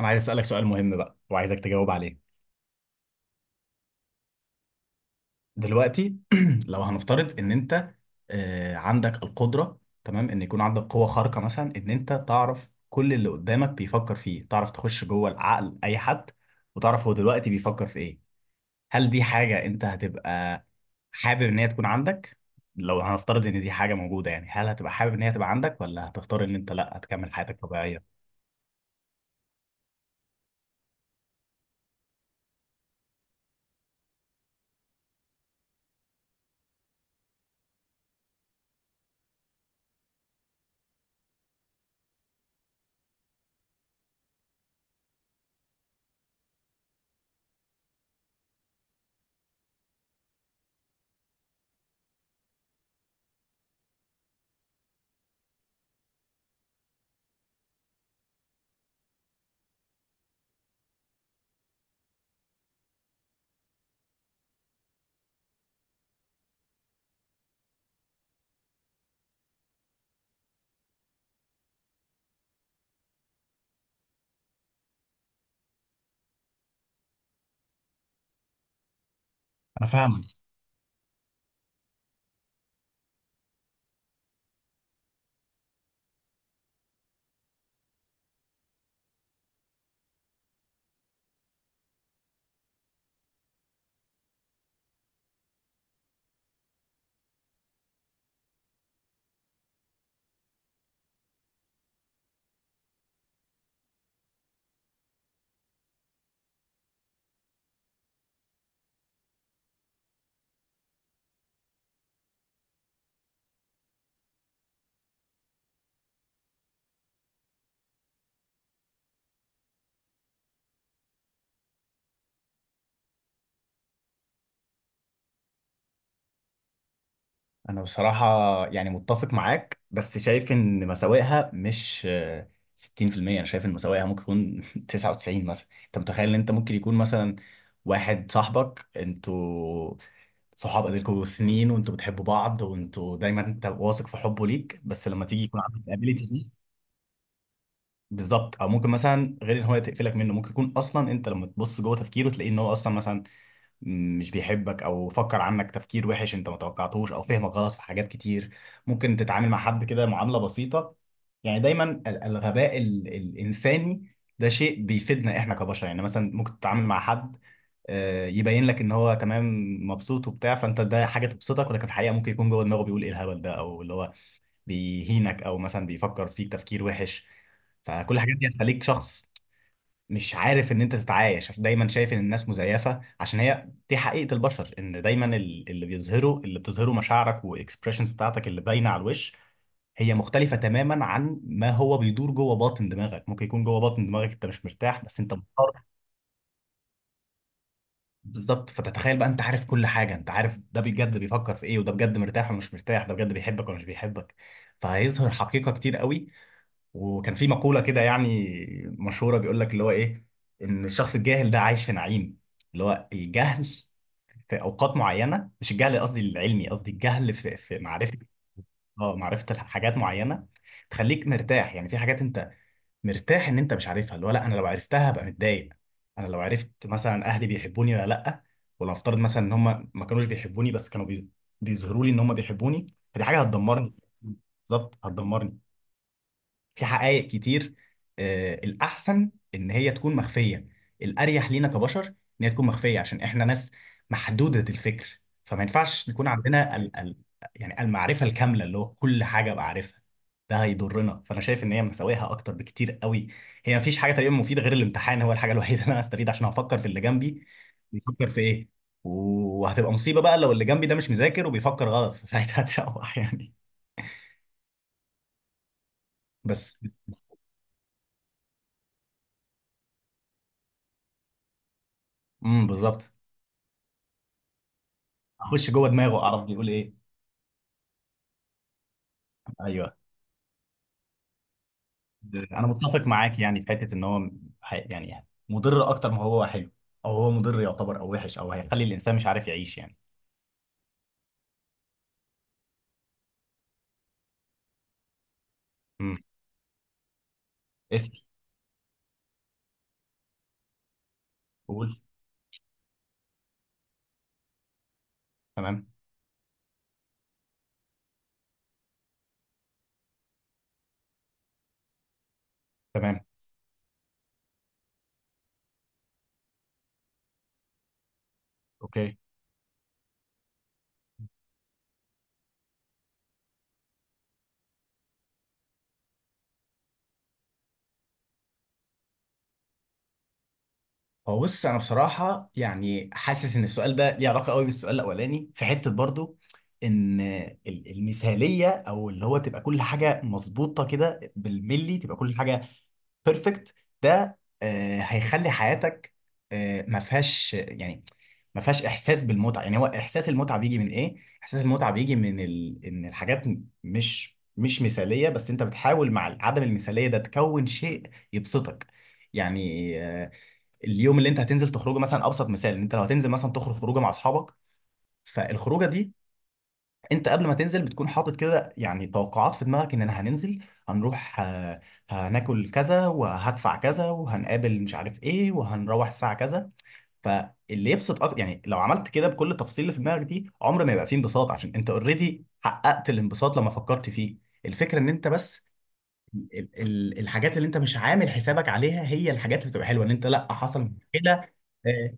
انا عايز اسالك سؤال مهم بقى وعايزك تجاوب عليه دلوقتي. لو هنفترض ان انت عندك القدره، تمام، ان يكون عندك قوه خارقه، مثلا ان انت تعرف كل اللي قدامك بيفكر فيه، تعرف تخش جوه العقل اي حد وتعرف هو دلوقتي بيفكر في ايه. هل دي حاجه انت هتبقى حابب ان هي تكون عندك؟ لو هنفترض ان دي حاجه موجوده، يعني هل هتبقى حابب ان هي تبقى عندك ولا هتختار ان انت لا هتكمل حياتك طبيعيه؟ انا فاهم. انا بصراحة يعني متفق معاك، بس شايف ان مساوئها مش 60%، انا شايف ان مساوئها ممكن يكون 99 مثلا. انت متخيل ان انت ممكن يكون مثلا واحد صاحبك، انتوا صحاب بقالكوا سنين وانتوا بتحبوا بعض، وانتوا دايما انت واثق في حبه ليك، بس لما تيجي يكون عندك الابيليتي دي؟ بالظبط، او ممكن مثلا غير ان هو تقفلك منه، ممكن يكون اصلا انت لما تبص جوه تفكيره تلاقيه ان هو اصلا مثلا مش بيحبك، او فكر عنك تفكير وحش انت ما توقعتهوش، او فهمك غلط في حاجات كتير. ممكن تتعامل مع حد كده معاملة بسيطة، يعني دايما الغباء الانساني ده شيء بيفيدنا احنا كبشر. يعني مثلا ممكن تتعامل مع حد يبين لك ان هو تمام، مبسوط وبتاع، فانت ده حاجه تبسطك، ولكن في الحقيقه ممكن يكون جوه دماغه بيقول ايه الهبل ده، او اللي هو بيهينك، او مثلا بيفكر فيك تفكير وحش. فكل الحاجات دي هتخليك شخص مش عارف ان انت تتعايش، دايما شايف ان الناس مزيفه، عشان هي دي حقيقه البشر، ان دايما اللي بيظهره، اللي بتظهره مشاعرك واكسبريشنز بتاعتك اللي باينه على الوش، هي مختلفه تماما عن ما هو بيدور جوه باطن دماغك. ممكن يكون جوه باطن دماغك انت مش مرتاح بس انت مضطر. بالظبط، فتتخيل بقى انت عارف كل حاجه، انت عارف ده بجد بيفكر في ايه، وده بجد مرتاح ولا مش مرتاح، ده بجد بيحبك ولا مش بيحبك، فهيظهر حقيقه كتير قوي. وكان في مقولة كده يعني مشهورة بيقول لك اللي هو ايه، ان الشخص الجاهل ده عايش في نعيم. اللي هو الجهل في اوقات معينة، مش الجهل قصدي العلمي، قصدي الجهل في في معرفة، اه، معرفة حاجات معينة تخليك مرتاح. يعني في حاجات انت مرتاح ان انت مش عارفها، اللي هو لا انا لو عرفتها هبقى متضايق. انا لو عرفت مثلا اهلي بيحبوني ولا لا، ولو افترض مثلا ان هم ما كانوش بيحبوني بس كانوا بيظهروا لي ان هم بيحبوني، فدي حاجة هتدمرني. بالظبط هتدمرني. في حقائق كتير، الأحسن إن هي تكون مخفية. الأريح لينا كبشر إن هي تكون مخفية، عشان إحنا ناس محدودة الفكر، فما ينفعش نكون عندنا ال يعني المعرفة الكاملة، اللي هو كل حاجة بعرفها، ده هيضرنا. فأنا شايف إن هي مساويها أكتر بكتير قوي. هي مفيش حاجة تقريبا مفيدة غير الامتحان، هو الحاجة الوحيدة اللي أنا هستفيد، عشان هفكر في اللي جنبي بيفكر في إيه. وهتبقى مصيبة بقى لو اللي جنبي ده مش مذاكر وبيفكر غلط، فساعتها هتشوح يعني. بس بالظبط، اخش جوه دماغه اعرف بيقول ايه. ايوه، انا متفق معاك يعني في حته ان هو يعني مضر اكتر ما هو حلو، او هو مضر يعتبر او وحش، او هيخلي الانسان مش عارف يعيش يعني. امم اسال. قول. تمام. تمام. اوكي. هو بص، انا بصراحه يعني حاسس ان السؤال ده ليه علاقه قوي بالسؤال الاولاني في حته، برضو ان المثاليه، او اللي هو تبقى كل حاجه مظبوطه كده بالملي، تبقى كل حاجه بيرفكت، ده هيخلي حياتك ما فيهاش، يعني ما فيهاش احساس بالمتعه. يعني هو احساس المتعه بيجي من ايه؟ احساس المتعه بيجي من ان الحاجات مش مش مثاليه، بس انت بتحاول مع عدم المثاليه ده تكون شيء يبسطك. يعني اليوم اللي انت هتنزل تخرجه مثلا، ابسط مثال ان انت لو هتنزل مثلا تخرج خروجه مع اصحابك، فالخروجه دي انت قبل ما تنزل بتكون حاطط كده يعني توقعات في دماغك، ان انا هننزل، هنروح، هناكل كذا وهدفع كذا وهنقابل مش عارف ايه وهنروح الساعة كذا. فاللي يبسط أكتر، يعني لو عملت كده بكل التفاصيل اللي في دماغك دي، عمر ما يبقى فيه انبساط، عشان انت اوريدي حققت الانبساط لما فكرت فيه. الفكرة ان انت بس ال الحاجات اللي انت مش عامل حسابك عليها هي الحاجات اللي بتبقى حلوة، ان انت لا حصل مشكلة. آه،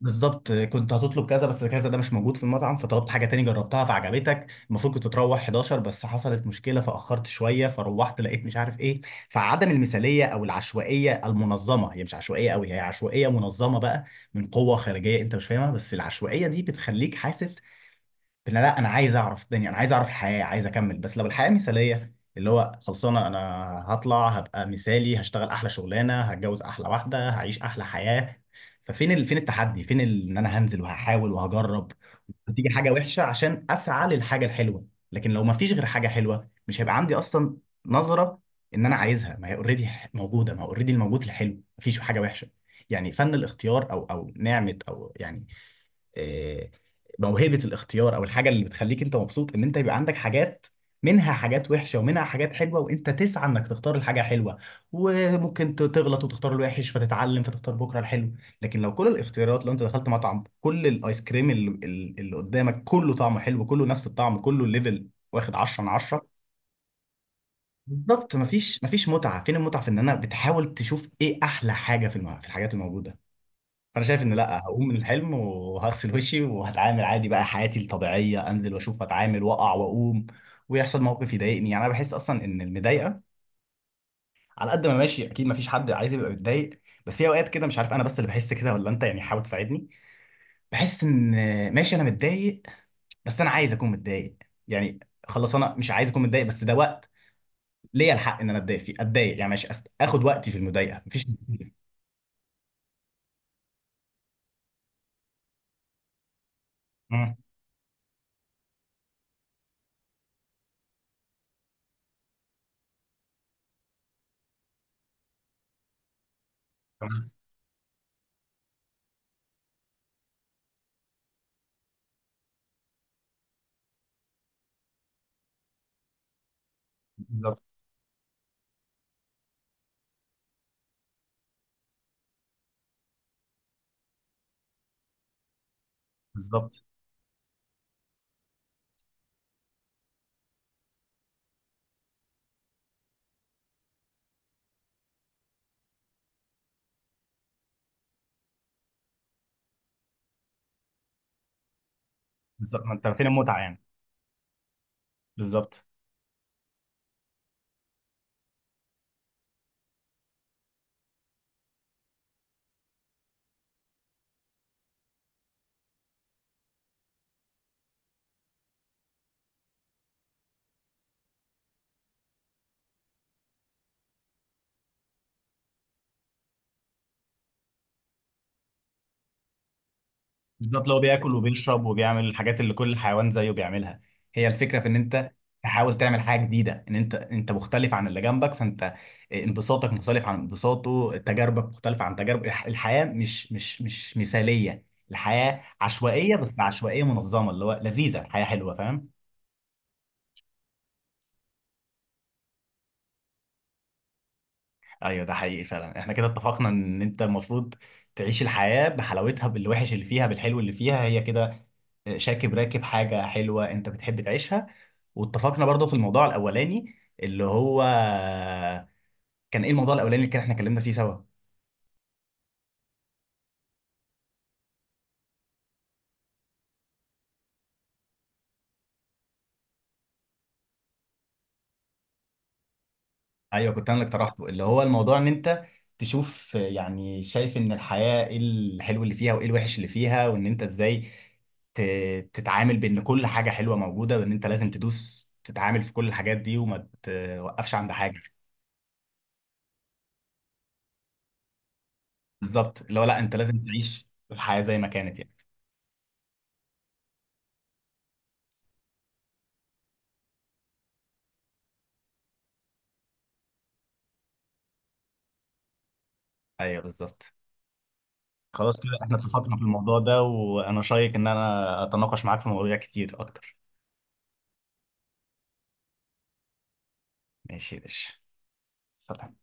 بالظبط، كنت هتطلب كذا بس كذا ده مش موجود في المطعم فطلبت حاجة تاني جربتها فعجبتك. المفروض كنت تروح 11 بس حصلت مشكلة فأخرت شوية فروحت لقيت مش عارف إيه. فعدم المثالية أو العشوائية المنظمة، هي مش عشوائية قوي، هي عشوائية منظمة بقى من قوة خارجية أنت مش فاهمها، بس العشوائية دي بتخليك حاسس لا لا انا عايز اعرف الدنيا، انا عايز اعرف الحياه، عايز اكمل. بس لو الحياه مثاليه، اللي هو خلصانه، انا هطلع هبقى مثالي، هشتغل احلى شغلانه، هتجوز احلى واحده، هعيش احلى حياه. ففين فين التحدي؟ فين ان انا هنزل وهحاول وهجرب وتيجي حاجه وحشه عشان اسعى للحاجه الحلوه. لكن لو ما فيش غير حاجه حلوه، مش هيبقى عندي اصلا نظره ان انا عايزها، ما هي اوريدي موجوده، ما هو اوريدي الموجود الحلو، ما فيش حاجه وحشه. يعني فن الاختيار، او او نعمه، او يعني آه، موهبة الاختيار، او الحاجة اللي بتخليك انت مبسوط، ان انت يبقى عندك حاجات، منها حاجات وحشة ومنها حاجات حلوة، وانت تسعى انك تختار الحاجة حلوة. وممكن تغلط وتختار الوحش، فتتعلم، فتختار بكرة الحلو. لكن لو كل الاختيارات، لو انت دخلت مطعم كل الايس كريم اللي قدامك كله طعمه حلو، كله نفس الطعم، كله الليفل، واخد 10 من 10، بالظبط مفيش، مفيش متعة. فين المتعة في ان انا بتحاول تشوف ايه احلى حاجة في الحاجات الموجودة؟ فانا شايف ان لا، هقوم من الحلم وهغسل وشي وهتعامل عادي بقى حياتي الطبيعيه، انزل واشوف واتعامل واقع واقوم ويحصل موقف يضايقني. يعني انا بحس اصلا ان المضايقه، على قد ما ماشي اكيد ما فيش حد عايز يبقى متضايق، بس في اوقات كده، مش عارف انا بس اللي بحس كده ولا انت، يعني حاول تساعدني، بحس ان ماشي انا متضايق، بس انا عايز اكون متضايق. يعني خلاص، انا مش عايز اكون متضايق، بس ده وقت ليا الحق ان انا اتضايق فيه، اتضايق. يعني ماشي، اخد وقتي في المضايقه، مفيش مشكلة. مم. تمام. بالظبط. بالظبط. بالظبط، ما انت فين المتعه يعني؟ بالظبط. بالظبط، لو بياكل وبيشرب وبيعمل الحاجات اللي كل حيوان زيه بيعملها. هي الفكره في ان انت تحاول تعمل حاجه جديده، ان انت انت مختلف عن اللي جنبك، فانت انبساطك مختلف عن انبساطه، تجاربك مختلفه عن تجارب الحياه مش مثاليه. الحياه عشوائيه بس عشوائيه منظمه، اللي هو لذيذه، الحياه حلوه، فاهم. ايوه، ده حقيقي فعلا، احنا كده اتفقنا ان انت المفروض تعيش الحياه بحلاوتها، بالوحش اللي فيها، بالحلو اللي فيها، هي كده شاكب راكب حاجة حلوة انت بتحب تعيشها. واتفقنا برضو في الموضوع الاولاني، اللي هو كان ايه الموضوع الاولاني اللي كان احنا اتكلمنا فيه سوا؟ ايوه، كنت انا اللي اقترحته. اللي هو الموضوع ان انت تشوف، يعني شايف ان الحياة ايه الحلو اللي فيها وايه الوحش اللي فيها، وان انت ازاي تتعامل بان كل حاجة حلوة موجودة، وان انت لازم تدوس تتعامل في كل الحاجات دي وما توقفش عند حاجة. بالظبط، اللي هو لا، انت لازم تعيش الحياة زي ما كانت يعني. ايوه بالظبط. خلاص كده احنا اتفقنا في الموضوع ده، وانا شايك ان انا اتناقش معاك في مواضيع كتير اكتر. ماشي يا باشا، سلام.